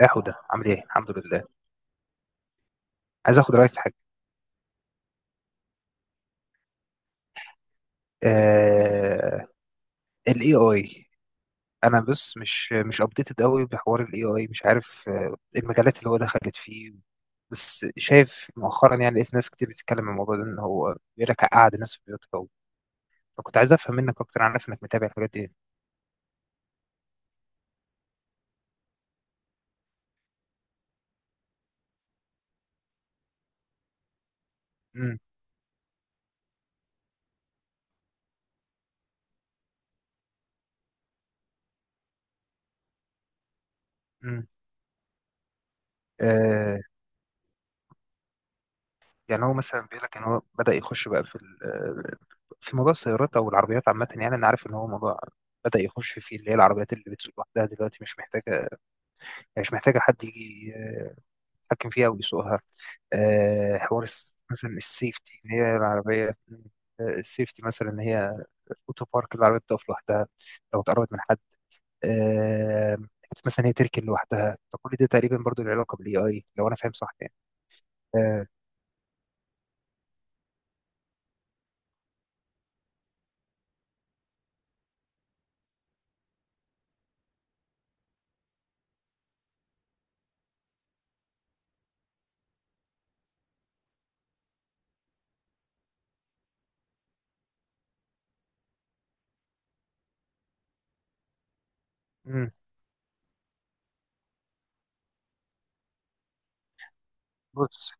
يا حودة عامل ايه؟ الحمد لله. عايز اخد رأيك في حاجة. آه... ال AI. انا بس مش ابديتد قوي بحوار ال AI. مش عارف، المجالات اللي هو دخلت فيه. بس شايف مؤخرا، يعني لقيت ناس كتير بتتكلم عن الموضوع ده، ان هو بيقول لك قعد الناس في بيوتها. فكنت عايز افهم منك اكتر، انا عارف انك متابع الحاجات دي. امم، امم. آه... يعني هو مثلا بيقول لك ان هو بدأ يخش بقى في ال... آه، في موضوع السيارات او العربيات عامة. يعني انا عارف ان هو موضوع بدأ يخش فيه، اللي هي العربيات اللي بتسوق لوحدها دلوقتي، مش محتاجة حد يجي يتحكم فيها ويسوقها. حوار مثلا السيفتي، إن هي العربية. السيفتي مثلا، إن هي أوتو بارك، العربية بتقف لوحدها لو اتقربت من حد. آه، حتى مثلا هي تركن لوحدها، فكل ده تقريبا برضو له علاقة بالاي اي، لو انا فاهم صح يعني. آه، مم، بص.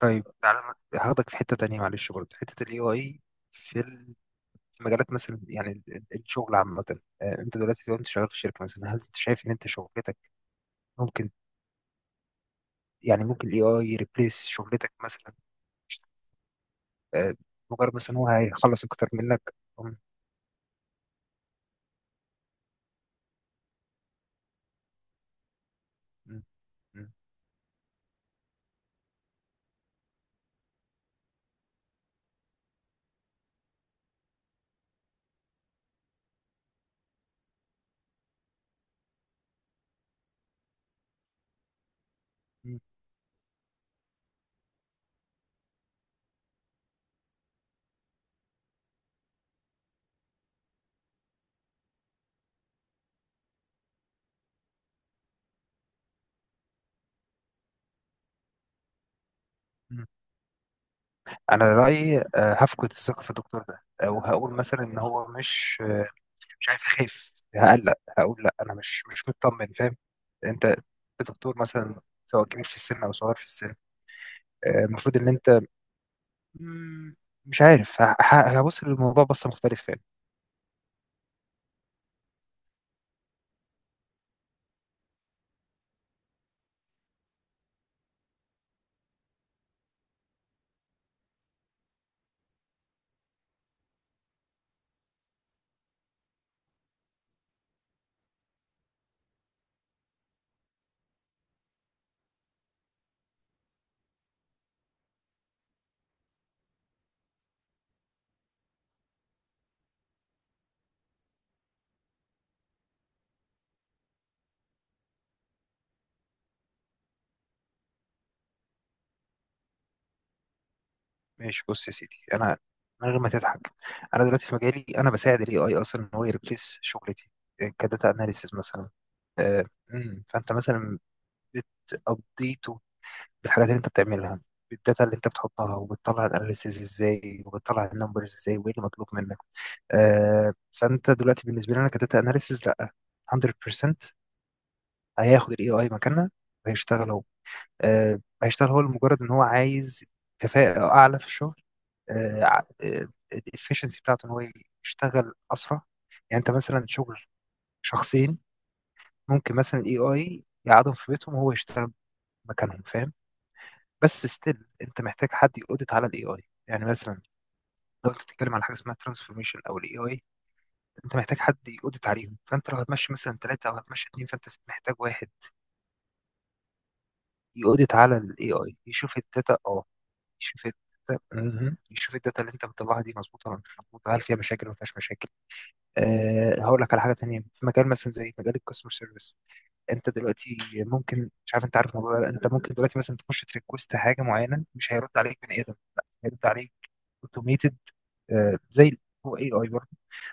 طيب، تعالى هاخدك في حتة تانية، معلش، برضو حتة الاي اي في المجالات مثلا، يعني الشغل عامة. انت دلوقتي لو انت شغال في شركة مثلا، هل انت شايف ان انت شغلتك ممكن، يعني ممكن الاي اي يريبليس شغلتك مثلا؟ آه، مجرد مثلا هو هيخلص اكتر منك. أم، أم، أم، أم، أم. انا رأيي هفقد الثقة في الدكتور ده. وهقول مثلا ان هو مش، مش عارف، اخاف، هقلق، هقول لا انا مش مطمن، فاهم. انت دكتور مثلا، سواء كبير في السن او صغير في السن. المفروض ان انت، مم، مش عارف، هبص للموضوع بصة مختلفة. ماشي، بص يا سيدي، انا من غير ما تضحك، انا دلوقتي في مجالي، انا بساعد الاي اي اصلا ان هو يريبليس شغلتي كداتا اناليسيز مثلا. آه، فانت مثلا بتابديته بالحاجات اللي انت بتعملها، بالداتا اللي انت بتحطها، وبتطلع الاناليسيز ازاي، وبتطلع النمبرز ازاي، وايه اللي مطلوب منك. فانت دلوقتي بالنسبه لنا كداتا اناليسيز، لا، 100% هياخد الاي اي مكاننا وهيشتغل هو. هيشتغل هو لمجرد ان هو عايز كفاءة اعلى في الشغل، الافشنسي بتاعته ان هو يشتغل اسرع. يعني انت مثلا شغل شخصين، ممكن مثلا الاي اي يقعدهم في بيتهم وهو يشتغل مكانهم، فاهم. بس ستيل انت محتاج حد يقودت على الاي اي، يعني مثلا لو انت بتتكلم على حاجه اسمها ترانسفورميشن او الاي اي، انت محتاج حد يقودت عليهم، فانت لو هتمشي مثلا ثلاثه او هتمشي اثنين، فانت محتاج واحد يقودت على الاي اي يشوف الداتا. اه، يشوف الداتا مهم. يشوف إيه الداتا اللي انت مطلعها دي، مظبوطه ولا مش مظبوطه، هل فيها مشاكل ولا ما فيهاش مشاكل. أه، هقول لك على حاجه تانية في مجال مثلا زي مجال الكاستمر سيرفيس. انت دلوقتي ممكن، مش عارف انت عارف الموضوع ده ولا لأ، انت ممكن دلوقتي مثلا تخش تريكوست حاجه معينه، مش هيرد عليك بني ادم، لا، هيرد عليك اوتوميتد. أه زي، هو اي اي برضه.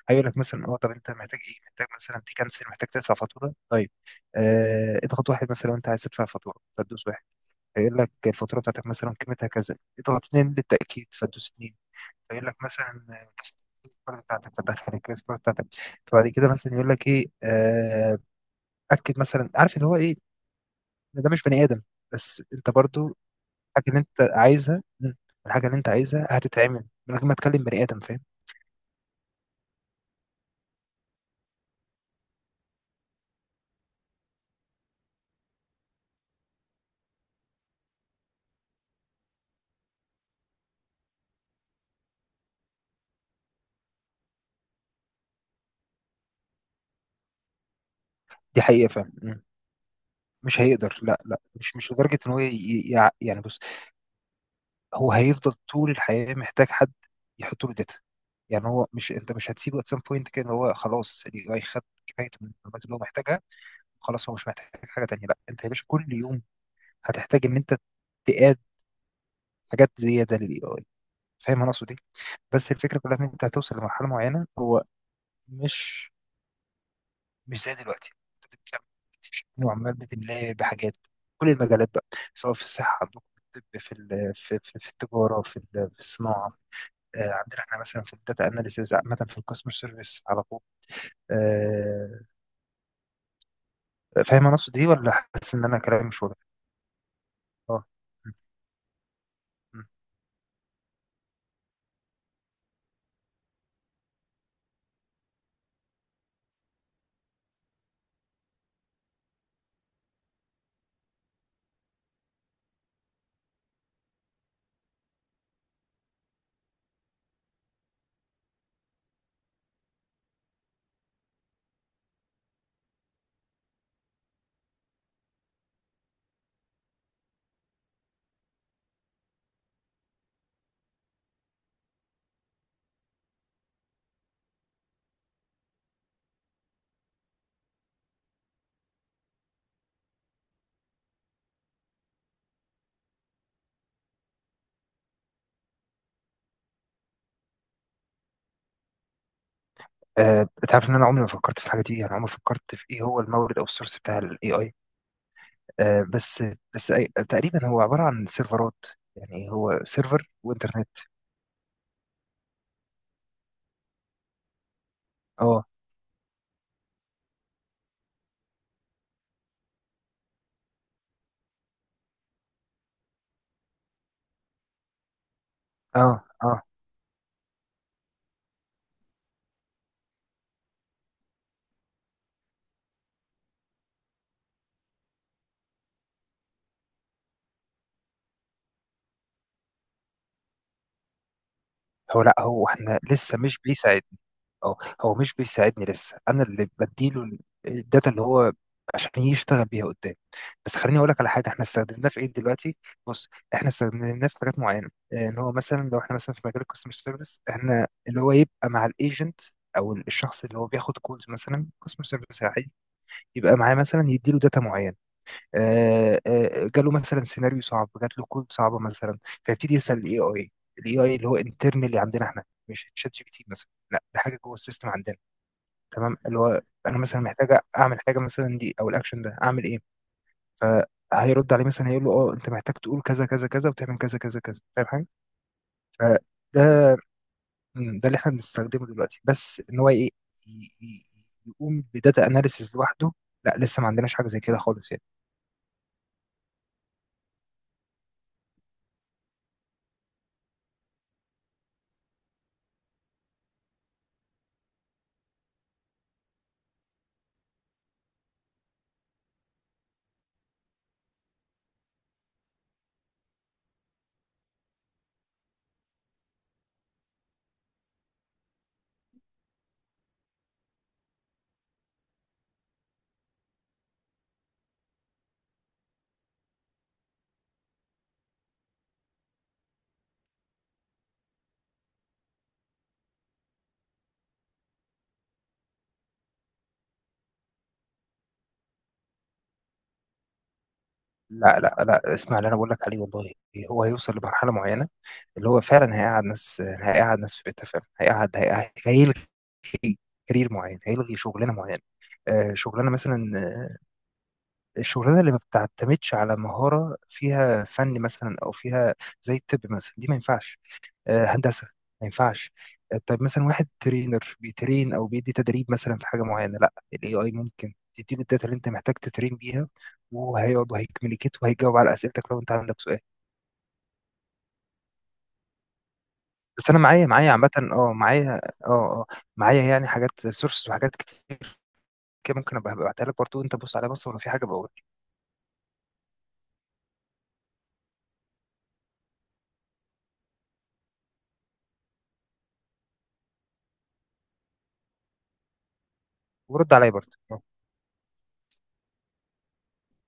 هيقول لك مثلا اه طب انت محتاج ايه، محتاج مثلا تكنسل، محتاج تدفع فاتوره. طيب، آه اضغط واحد مثلا لو انت عايز تدفع فاتوره، فتدوس واحد. فيقول لك الفاتوره بتاعتك مثلا قيمتها كذا، اضغط اتنين للتاكيد، فتدوس اتنين. فيقول لك مثلا الكريدت كارد بتاعتك، فتدخل الكريدت كارد بتاعتك. فبعد كده مثلا يقول لك ايه، اكد مثلا، عارف ان هو ايه، إن ده مش بني ادم. بس انت برضو الحاجه اللي انت عايزها، الحاجه اللي انت عايزها هتتعمل من غير ما تكلم بني ادم، فاهم. دي حقيقه، فاهم. مش هيقدر، لا لا، مش لدرجه ان هو يعني بص، هو هيفضل طول الحياة محتاج حد يحط له داتا. يعني هو مش، انت مش هتسيبه at some point كده إن هو خلاص الاي اي خد كفايته من المعلومات اللي هو محتاجها، خلاص هو مش محتاج حاجة تانية. لا، انت يا باشا كل يوم هتحتاج ان انت تقاد حاجات زيادة للاي اي، فاهم انا اقصد ايه. بس الفكرة كلها ان انت هتوصل لمرحلة معينة، مش مش زي دلوقتي، انت بتعمل، بتشتري وعمال بتملاه بحاجات، كل المجالات بقى، سواء في الصحة عندكم، في الطب، في في التجارة، في في الصناعة. عندنا احنا مثلا في الداتا اناليسيز عامه، في الكاستمر سيرفيس على طول. آه، فاهم انا اقصد ايه، ولا حاسس ان انا كلامي مش واضح. اه. م- م. انت عارف ان انا عمري ما فكرت في الحاجه دي، يعني عمري ما فكرت في ايه هو المورد او السورس بتاع الاي اي. بس بس تقريبا هو عباره عن سيرفرات، يعني هو سيرفر وانترنت. اه، اه، اه. هو، لا، هو احنا لسه مش بيساعدني. اه، هو مش بيساعدني لسه، انا اللي بديله الداتا اللي هو عشان يشتغل بيها قدام. بس خليني اقول لك على حاجه احنا استخدمناه في ايه دلوقتي. بص، احنا استخدمناه في حاجات معينه. ان هو مثلا لو احنا مثلا في مجال الكاستمر سيرفيس، احنا اللي هو يبقى مع الايجنت او الشخص اللي هو بياخد كولز مثلا كاستمر سيرفيس عادي، يبقى معاه مثلا، يديله داتا معينه. جاله مثلا سيناريو صعب، جات له كود صعبه مثلا، فيبتدي يسال الاي اي. الاي اي اللي هو انترنالي عندنا احنا، مش شات جي بي تي مثلا، لا ده حاجه جوه السيستم عندنا. تمام، اللي هو انا مثلا محتاجه اعمل حاجه مثلا دي، او الاكشن ده اعمل ايه، فهيرد عليه مثلا، هيقول له اه انت محتاج تقول كذا كذا كذا وتعمل كذا كذا كذا، فاهم حاجه. فده، ده اللي احنا بنستخدمه دلوقتي. بس ان هو ايه، ي- ي- يقوم بداتا اناليسيز لوحده، لا، لسه ما عندناش حاجه زي كده خالص يعني. لا، لا، لا، اسمع اللي انا بقول لك عليه والله، هو هيوصل لمرحله معينه، اللي هو فعلا هيقعد ناس في بيتها فعلا، هيقعد هيلغي كارير معين، هيلغي شغلانه معينه. شغلانه مثلا، الشغلانه اللي ما بتعتمدش على مهاره، فيها فن مثلا او فيها زي الطب مثلا، دي ما ينفعش. هندسه ما ينفعش. طيب مثلا واحد ترينر بيترين او بيدي تدريب مثلا في حاجه معينه، لا، الاي اي ممكن تديله الداتا اللي انت محتاج تترين بيها، وهيقعد وهيكمليكيت وهيجاوب على اسئلتك لو انت عندك سؤال. بس انا، معايا معايا عامه اه معايا اه اه معايا يعني حاجات سورس وحاجات كتير كده، ممكن ابقى ابعتها لك برضه، انت بص عليها، بص ولو في حاجه بقول، ورد عليا برضه.